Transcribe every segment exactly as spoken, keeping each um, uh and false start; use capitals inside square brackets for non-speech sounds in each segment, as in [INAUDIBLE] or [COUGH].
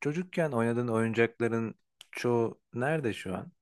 Çocukken oynadığın oyuncakların çoğu nerede şu an?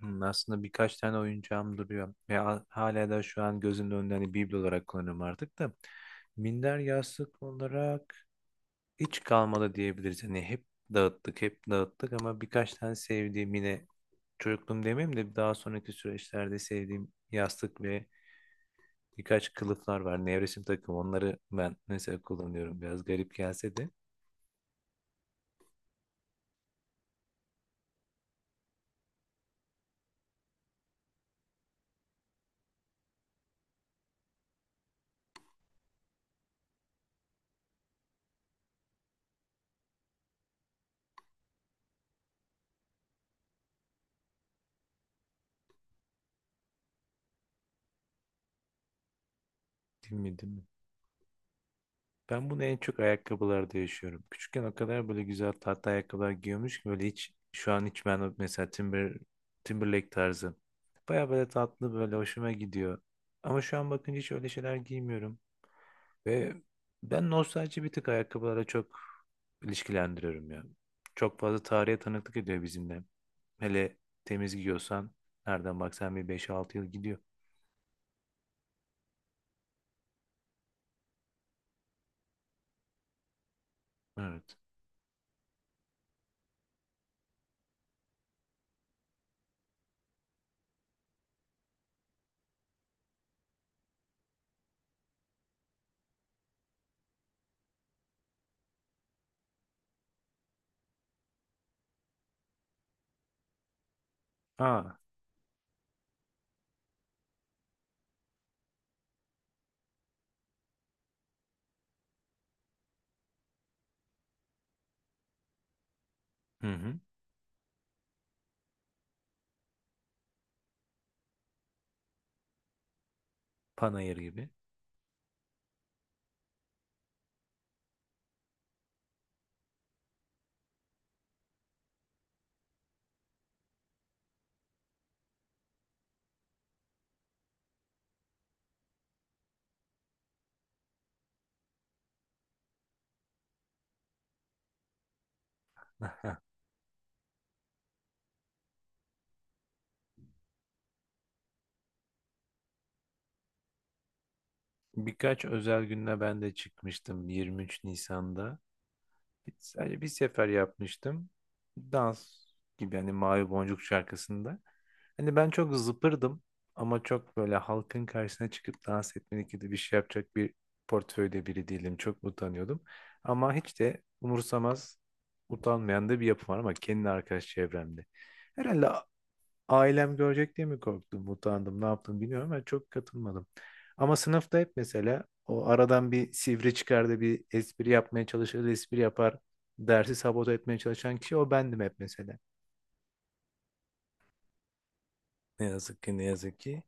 Hmm, aslında birkaç tane oyuncağım duruyor. Ve a- hala da şu an gözümün önünde, hani biblo olarak kullanıyorum artık da. Minder, yastık olarak hiç kalmadı diyebiliriz. Hani hep dağıttık, hep dağıttık, ama birkaç tane sevdiğim, yine çocukluğum demeyeyim de daha sonraki süreçlerde sevdiğim yastık ve birkaç kılıflar var. Nevresim takım, onları ben mesela kullanıyorum. Biraz garip gelse de. Değil mi, değil mi? Ben bunu en çok ayakkabılarda yaşıyorum. Küçükken o kadar böyle güzel, tatlı ayakkabılar giyiyormuş ki, böyle hiç şu an hiç ben o- mesela Timber, Timberlake tarzı. Baya böyle tatlı, böyle hoşuma gidiyor. Ama şu an bakınca hiç öyle şeyler giymiyorum. Ve ben nostalji bir tık ayakkabılara çok ilişkilendiriyorum ya. Çok fazla tarihe tanıklık ediyor bizimle. Hele temiz giyiyorsan nereden baksan bir beş altı yıl gidiyor. Evet. Aa, hı hı. Panayır gibi. [LAUGHS] Birkaç özel günle ben de çıkmıştım yirmi üç Nisan'da. Bir- Sadece bir sefer yapmıştım. Dans gibi, hani Mavi Boncuk şarkısında. Hani ben çok zıpırdım, ama çok böyle halkın karşısına çıkıp dans etmelik gibi bir şey yapacak bir portföyde biri değilim. Çok utanıyordum. Ama hiç de umursamaz, utanmayan da bir yapım var, ama kendi arkadaş çevremde. Herhalde ailem görecek diye mi korktum, utandım, ne yaptım bilmiyorum, ama çok katılmadım. Ama sınıfta hep mesela o aradan bir sivri çıkar da bir espri yapmaya çalışır, espri yapar, dersi sabote etmeye çalışan kişi o bendim hep mesela. Ne yazık ki, ne yazık ki.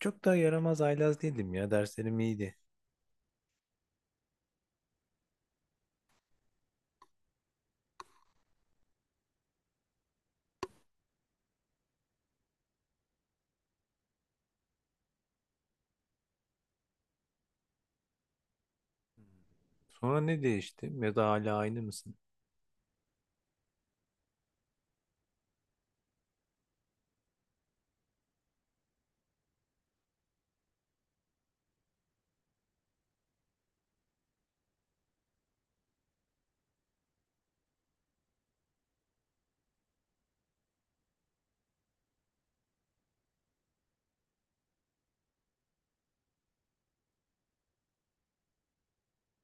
Çok da yaramaz, haylaz değildim ya, derslerim iyiydi. Sonra ne değişti, ya da hala aynı mısın?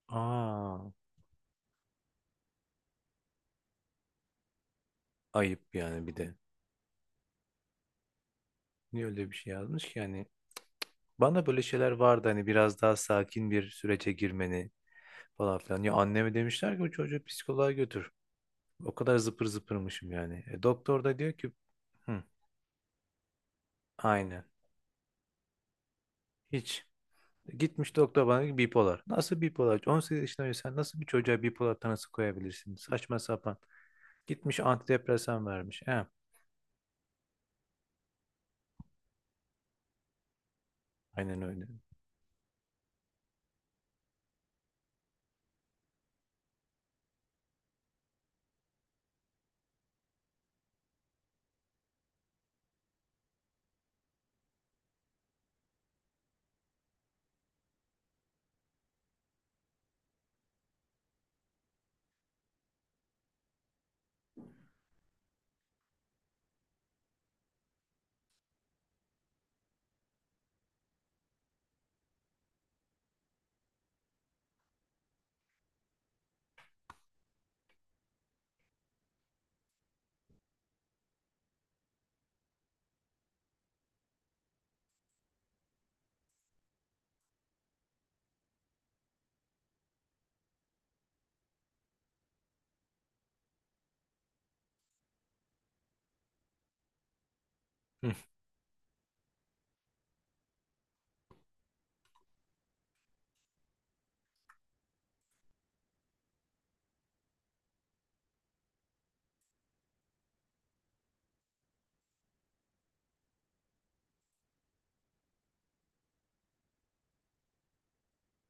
Aa, ayıp yani bir de. Niye öyle bir şey yazmış ki yani? Bana böyle şeyler vardı, hani biraz daha sakin bir sürece girmeni, falan filan. Ya anneme demişler ki bu çocuğu psikoloğa götür. O kadar zıpır zıpırmışım yani. E, doktor da diyor ki. Hı, aynen. Hiç. E, gitmiş doktor bana diyor ki bipolar. Nasıl bipolar? on sekiz yaşında önce sen nasıl bir çocuğa bipolar tanısı koyabilirsin? Saçma sapan. Gitmiş antidepresan vermiş. He, aynen öyle. Hı,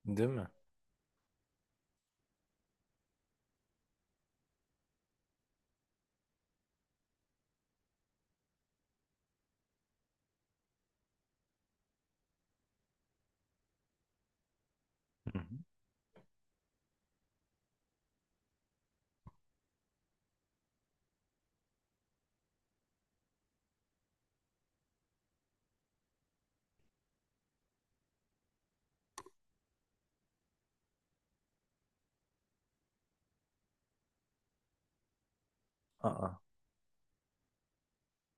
değil mi? Hı hı. Aa,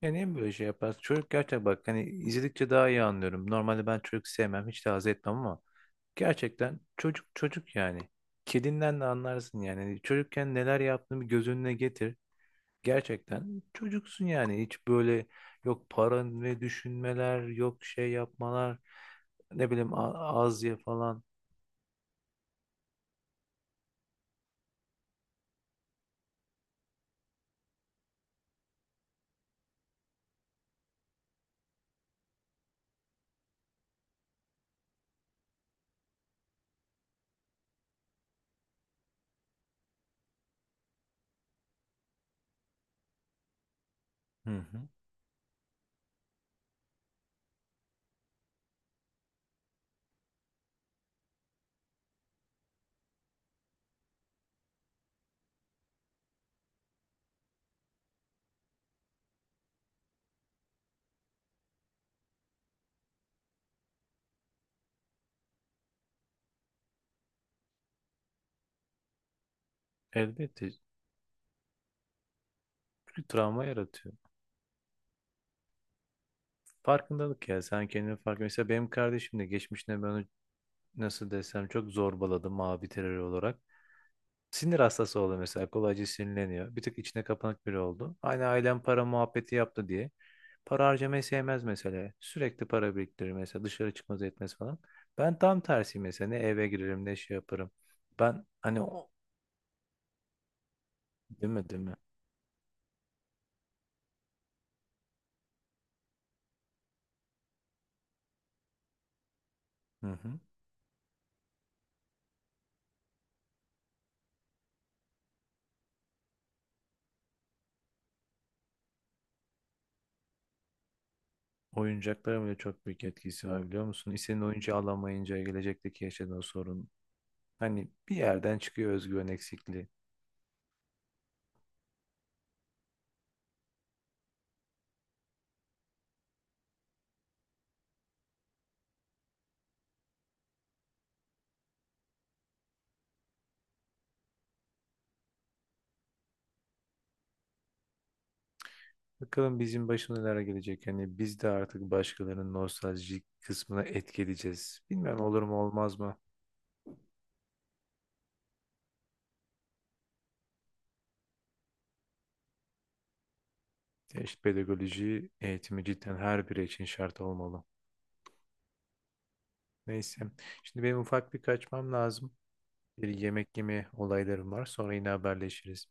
yani niye böyle şey yapar? Çocuk gerçekten, bak hani izledikçe daha iyi anlıyorum. Normalde ben çocuk sevmem, hiç de haz etmem, ama gerçekten çocuk çocuk yani. Kedinden de anlarsın yani. Hani, çocukken neler yaptığını bir göz önüne getir. Gerçekten çocuksun yani. Hiç böyle yok para ve düşünmeler, yok şey yapmalar, ne bileyim a- az ye falan. Hı hı. Elbette, çünkü travma yaratıyor. Farkındalık ya, sen kendini fark. Mesela benim kardeşim de geçmişine ben nasıl desem çok zorbaladım, mavi terör olarak. Sinir hastası oldu mesela, kolayca sinirleniyor. Bir tık içine kapanık biri oldu. Aynı ailem para muhabbeti yaptı diye. Para harcamayı sevmez mesela. Sürekli para biriktirir mesela, dışarı çıkmaz, etmez falan. Ben tam tersi mesela, ne eve girerim ne şey yaparım. Ben hani o, değil mi, değil mi? Hı hı. Oyuncaklara bile çok büyük etkisi var biliyor musun? İstediğin oyuncağı alamayınca gelecekteki yaşadığın sorun. Hani bir yerden çıkıyor özgüven eksikliği. Bakalım bizim başımıza neler gelecek. Yani biz de artık başkalarının nostaljik kısmına etki edeceğiz. Bilmem olur mu olmaz mı? Ya işte pedagoji eğitimi cidden her biri için şart olmalı. Neyse. Şimdi benim ufak bir kaçmam lazım. Bir yemek yeme olaylarım var. Sonra yine haberleşiriz.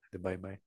Hadi bay bay.